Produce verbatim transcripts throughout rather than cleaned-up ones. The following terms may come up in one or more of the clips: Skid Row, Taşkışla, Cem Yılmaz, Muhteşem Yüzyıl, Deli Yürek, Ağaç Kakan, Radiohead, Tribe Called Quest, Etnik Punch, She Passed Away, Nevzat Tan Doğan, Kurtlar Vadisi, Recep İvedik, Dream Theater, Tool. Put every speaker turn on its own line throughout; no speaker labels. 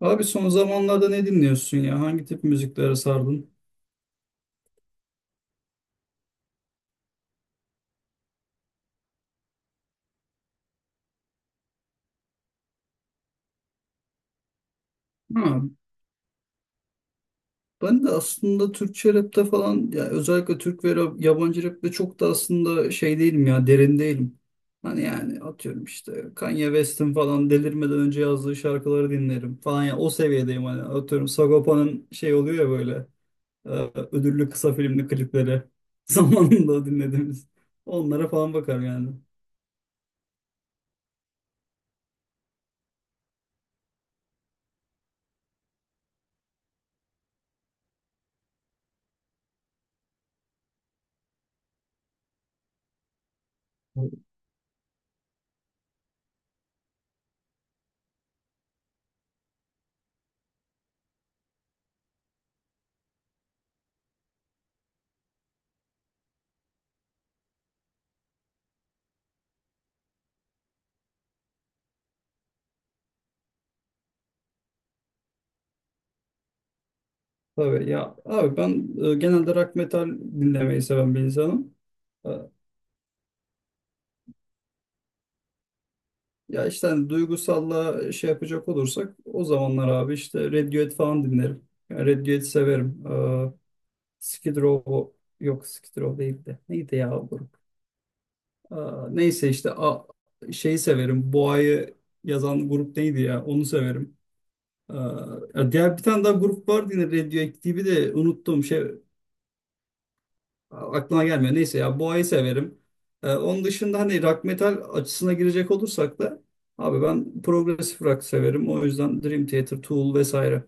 Abi son zamanlarda ne dinliyorsun ya? Hangi tip müziklere sardın? Ha, ben de aslında Türkçe rapte falan ya özellikle Türk ve rap- yabancı rapte çok da aslında şey değilim ya derin değilim. Hani yani atıyorum işte Kanye West'in falan delirmeden önce yazdığı şarkıları dinlerim falan ya o seviyedeyim hani atıyorum Sagopa'nın şey oluyor ya böyle e, ödüllü kısa filmli klipleri zamanında dinlediğimiz onlara falan bakarım yani. Tabii ya abi ben e, genelde rock metal dinlemeyi seven bir insanım. E, Ya işte hani duygusalla şey yapacak olursak o zamanlar abi işte Radiohead falan dinlerim. Yani Radiohead severim. E, Skid Row yok Skid Row değil de neydi ya o grup? E, Neyse işte a, şeyi severim. Boğa'yı yazan grup neydi ya onu severim. E, Ya diğer bir tane daha grup vardı yine Radiohead gibi de unuttum şey. Aklına gelmiyor. Neyse ya Boğa'yı severim. Ee, onun dışında hani rock metal açısına girecek olursak da abi ben progresif rock severim. O yüzden Dream Theater, Tool vesaire.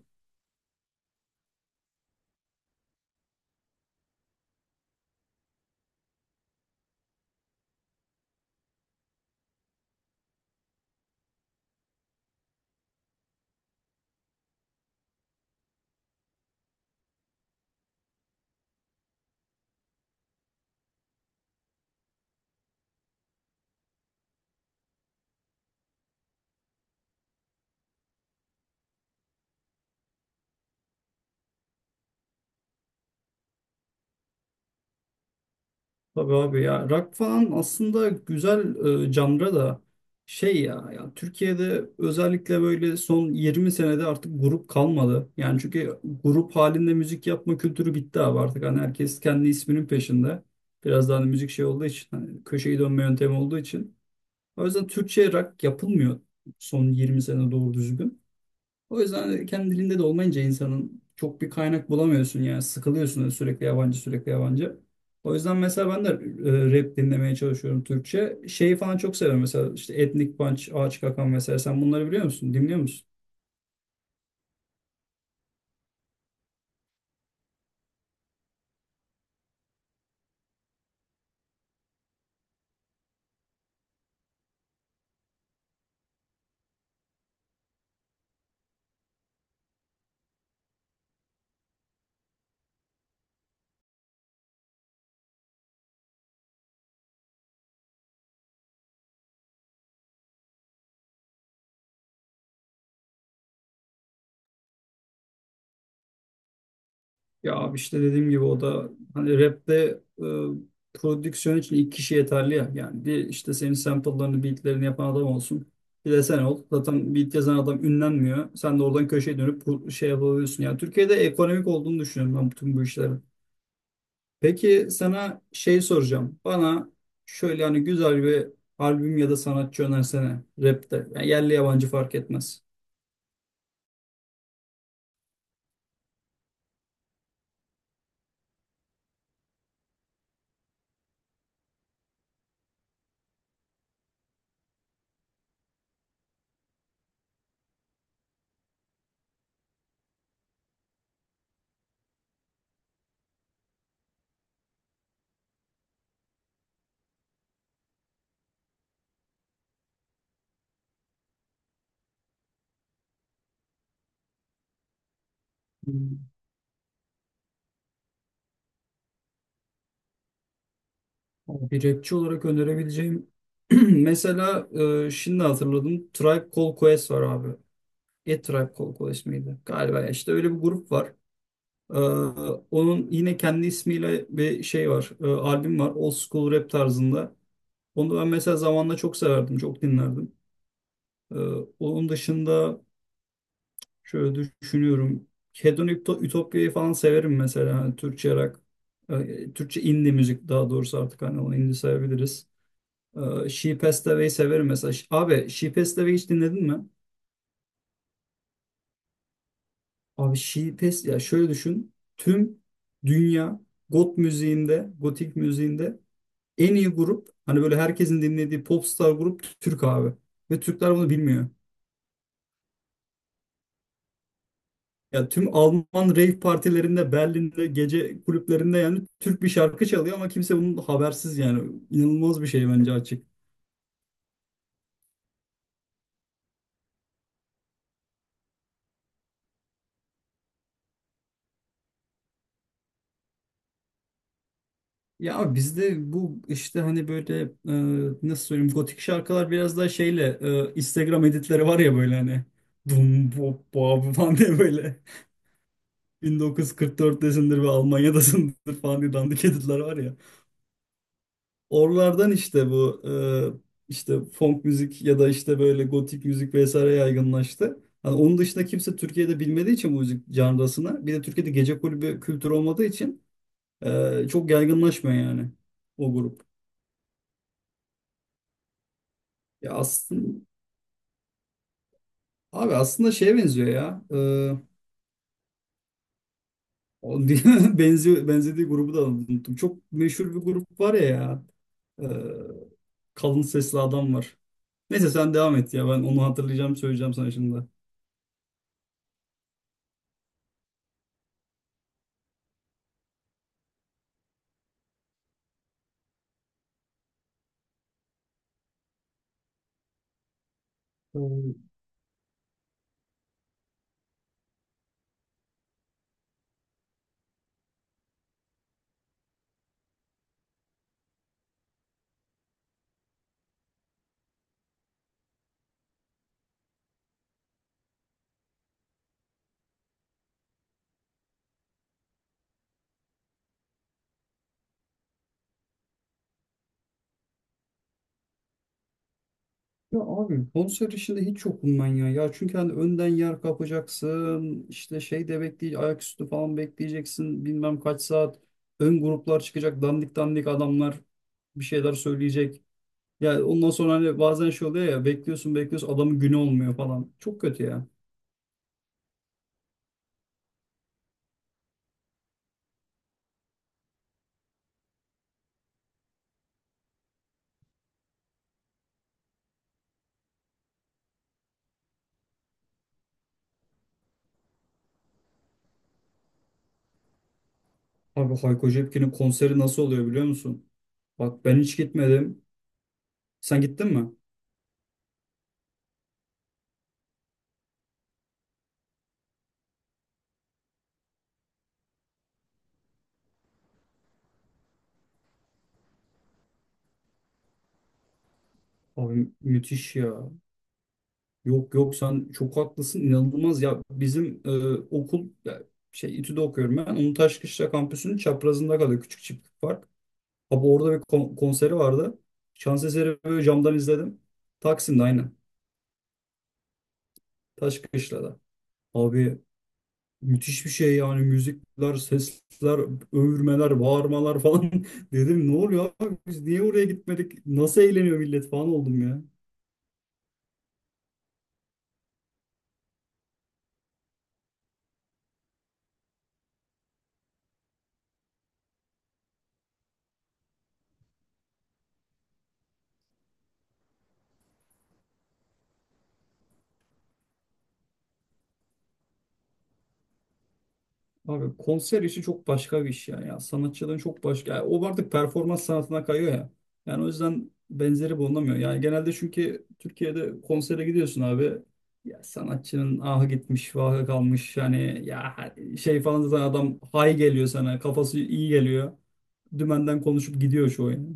Tabii abi ya rock falan aslında güzel e, janra da şey ya ya Türkiye'de özellikle böyle son yirmi senede artık grup kalmadı. Yani çünkü grup halinde müzik yapma kültürü bitti abi artık. Hani herkes kendi isminin peşinde. Biraz daha hani müzik şey olduğu için hani köşeyi dönme yöntemi olduğu için. O yüzden Türkçe rock yapılmıyor son yirmi sene doğru düzgün. O yüzden kendi dilinde de olmayınca insanın çok bir kaynak bulamıyorsun yani sıkılıyorsun sürekli yabancı sürekli yabancı. O yüzden mesela ben de e, rap dinlemeye çalışıyorum Türkçe. Şeyi falan çok seviyorum mesela işte Etnik Punch, Ağaç Kakan, mesela sen bunları biliyor musun? Dinliyor musun? Ya abi işte dediğim gibi o da hani rapte e, prodüksiyon için iki kişi yeterli ya. Yani bir işte senin sample'larını, beatlerini yapan adam olsun. Bir de sen ol. Zaten beat yazan adam ünlenmiyor. Sen de oradan köşeye dönüp bu- şey yapabiliyorsun. Yani Türkiye'de ekonomik olduğunu düşünüyorum ben bütün bu işlerin. Peki sana şey soracağım. Bana şöyle hani güzel bir albüm ya da sanatçı önersene rapte. Yani yerli yabancı fark etmez. Bir rapçi olarak önerebileceğim mesela e, şimdi hatırladım Tribe Called Quest var abi. E Tribe Called Quest miydi? Galiba ya. İşte öyle bir grup var. E, Onun yine kendi ismiyle bir şey var. E, albüm var. Old School Rap tarzında. Onu ben mesela zamanla çok severdim. Çok dinlerdim. E, Onun dışında şöyle düşünüyorum. Hedonic Ütopya'yı falan severim mesela. Hani Türkçe rock. e, Türkçe indie müzik daha doğrusu artık hani onu indie sayabiliriz. Ee, She Passed Away'i severim mesela. Ş- Abi She Passed Away hiç dinledin mi? Abi She Passed ya şöyle düşün. Tüm dünya goth müziğinde, gotik müziğinde en iyi grup hani böyle herkesin dinlediği popstar grup Türk abi. Ve Türkler bunu bilmiyor. Ya tüm Alman rave partilerinde, Berlin'de, gece kulüplerinde yani Türk bir şarkı çalıyor ama kimse bunun habersiz yani. İnanılmaz bir şey bence açık. Ya abi bizde bu işte hani böyle e, nasıl söyleyeyim, gotik şarkılar biraz daha şeyle e, Instagram editleri var ya böyle hani dum bop bop falan diye böyle bin dokuz yüz kırk dörttesindir ve Almanya'dasındır falan diye dandik editler var ya. Oralardan işte bu e, işte funk müzik ya da işte böyle gotik müzik vesaire yaygınlaştı. Hani onun dışında kimse Türkiye'de bilmediği için bu müzik janrasını, bir de Türkiye'de gece kulübü kültürü olmadığı için e, çok yaygınlaşmıyor yani o grup. Ya aslında Abi aslında şeye benziyor ya. Ee, o diye- benziyor, benzediği grubu da unuttum. Çok meşhur bir grup var ya. Ya. Ee, Kalın sesli adam var. Neyse sen devam et ya. Ben onu hatırlayacağım söyleyeceğim sana şimdi. Ee, Ya abi konser işinde hiç yokum ben ya. Ya çünkü hani önden yer kapacaksın. İşte şey de bekleyeceksin. Ayaküstü falan bekleyeceksin. Bilmem kaç saat. Ön gruplar çıkacak. Dandik dandik adamlar bir şeyler söyleyecek. Ya ondan sonra hani bazen şey oluyor ya bekliyorsun bekliyorsun adamın günü olmuyor falan. Çok kötü ya. Abi Hayko Cepkin'in konseri nasıl oluyor biliyor musun? Bak ben hiç gitmedim. Sen gittin mi? Abi müthiş ya. Yok, yok, sen çok haklısın inanılmaz ya. Bizim e, okul ya, şey İTÜ'de okuyorum ben. Onun Taşkışla kampüsünün çaprazında kalıyor küçük çiftlik park. Abi orada bir kon- konseri vardı. Şans eseri böyle camdan izledim. Taksim'de aynen. Taşkışla'da. Abi müthiş bir şey yani, müzikler, sesler, övürmeler, bağırmalar falan. Dedim ne oluyor abi biz niye oraya gitmedik? Nasıl eğleniyor millet falan oldum ya. Abi konser işi çok başka bir iş yani ya. Sanatçıların çok başka. Yani o artık performans sanatına kayıyor ya. Yani o yüzden benzeri bulunamıyor. Yani genelde çünkü Türkiye'de konsere gidiyorsun abi. Ya sanatçının ahı gitmiş, vahı kalmış. Yani ya şey falan zaten adam hay geliyor sana. Kafası iyi geliyor. Dümenden konuşup gidiyor çoğu yani.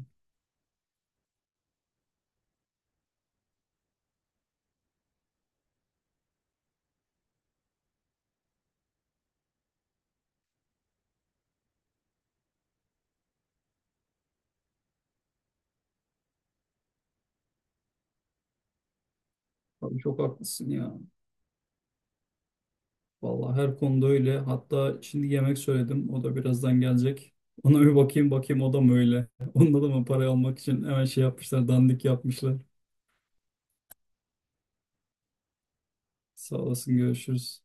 Abi çok haklısın ya. Vallahi her konuda öyle. Hatta şimdi yemek söyledim. O da birazdan gelecek. Ona bir bakayım bakayım o da mı öyle? Onda da mı parayı almak için hemen şey yapmışlar, dandik yapmışlar. Sağ olasın, görüşürüz.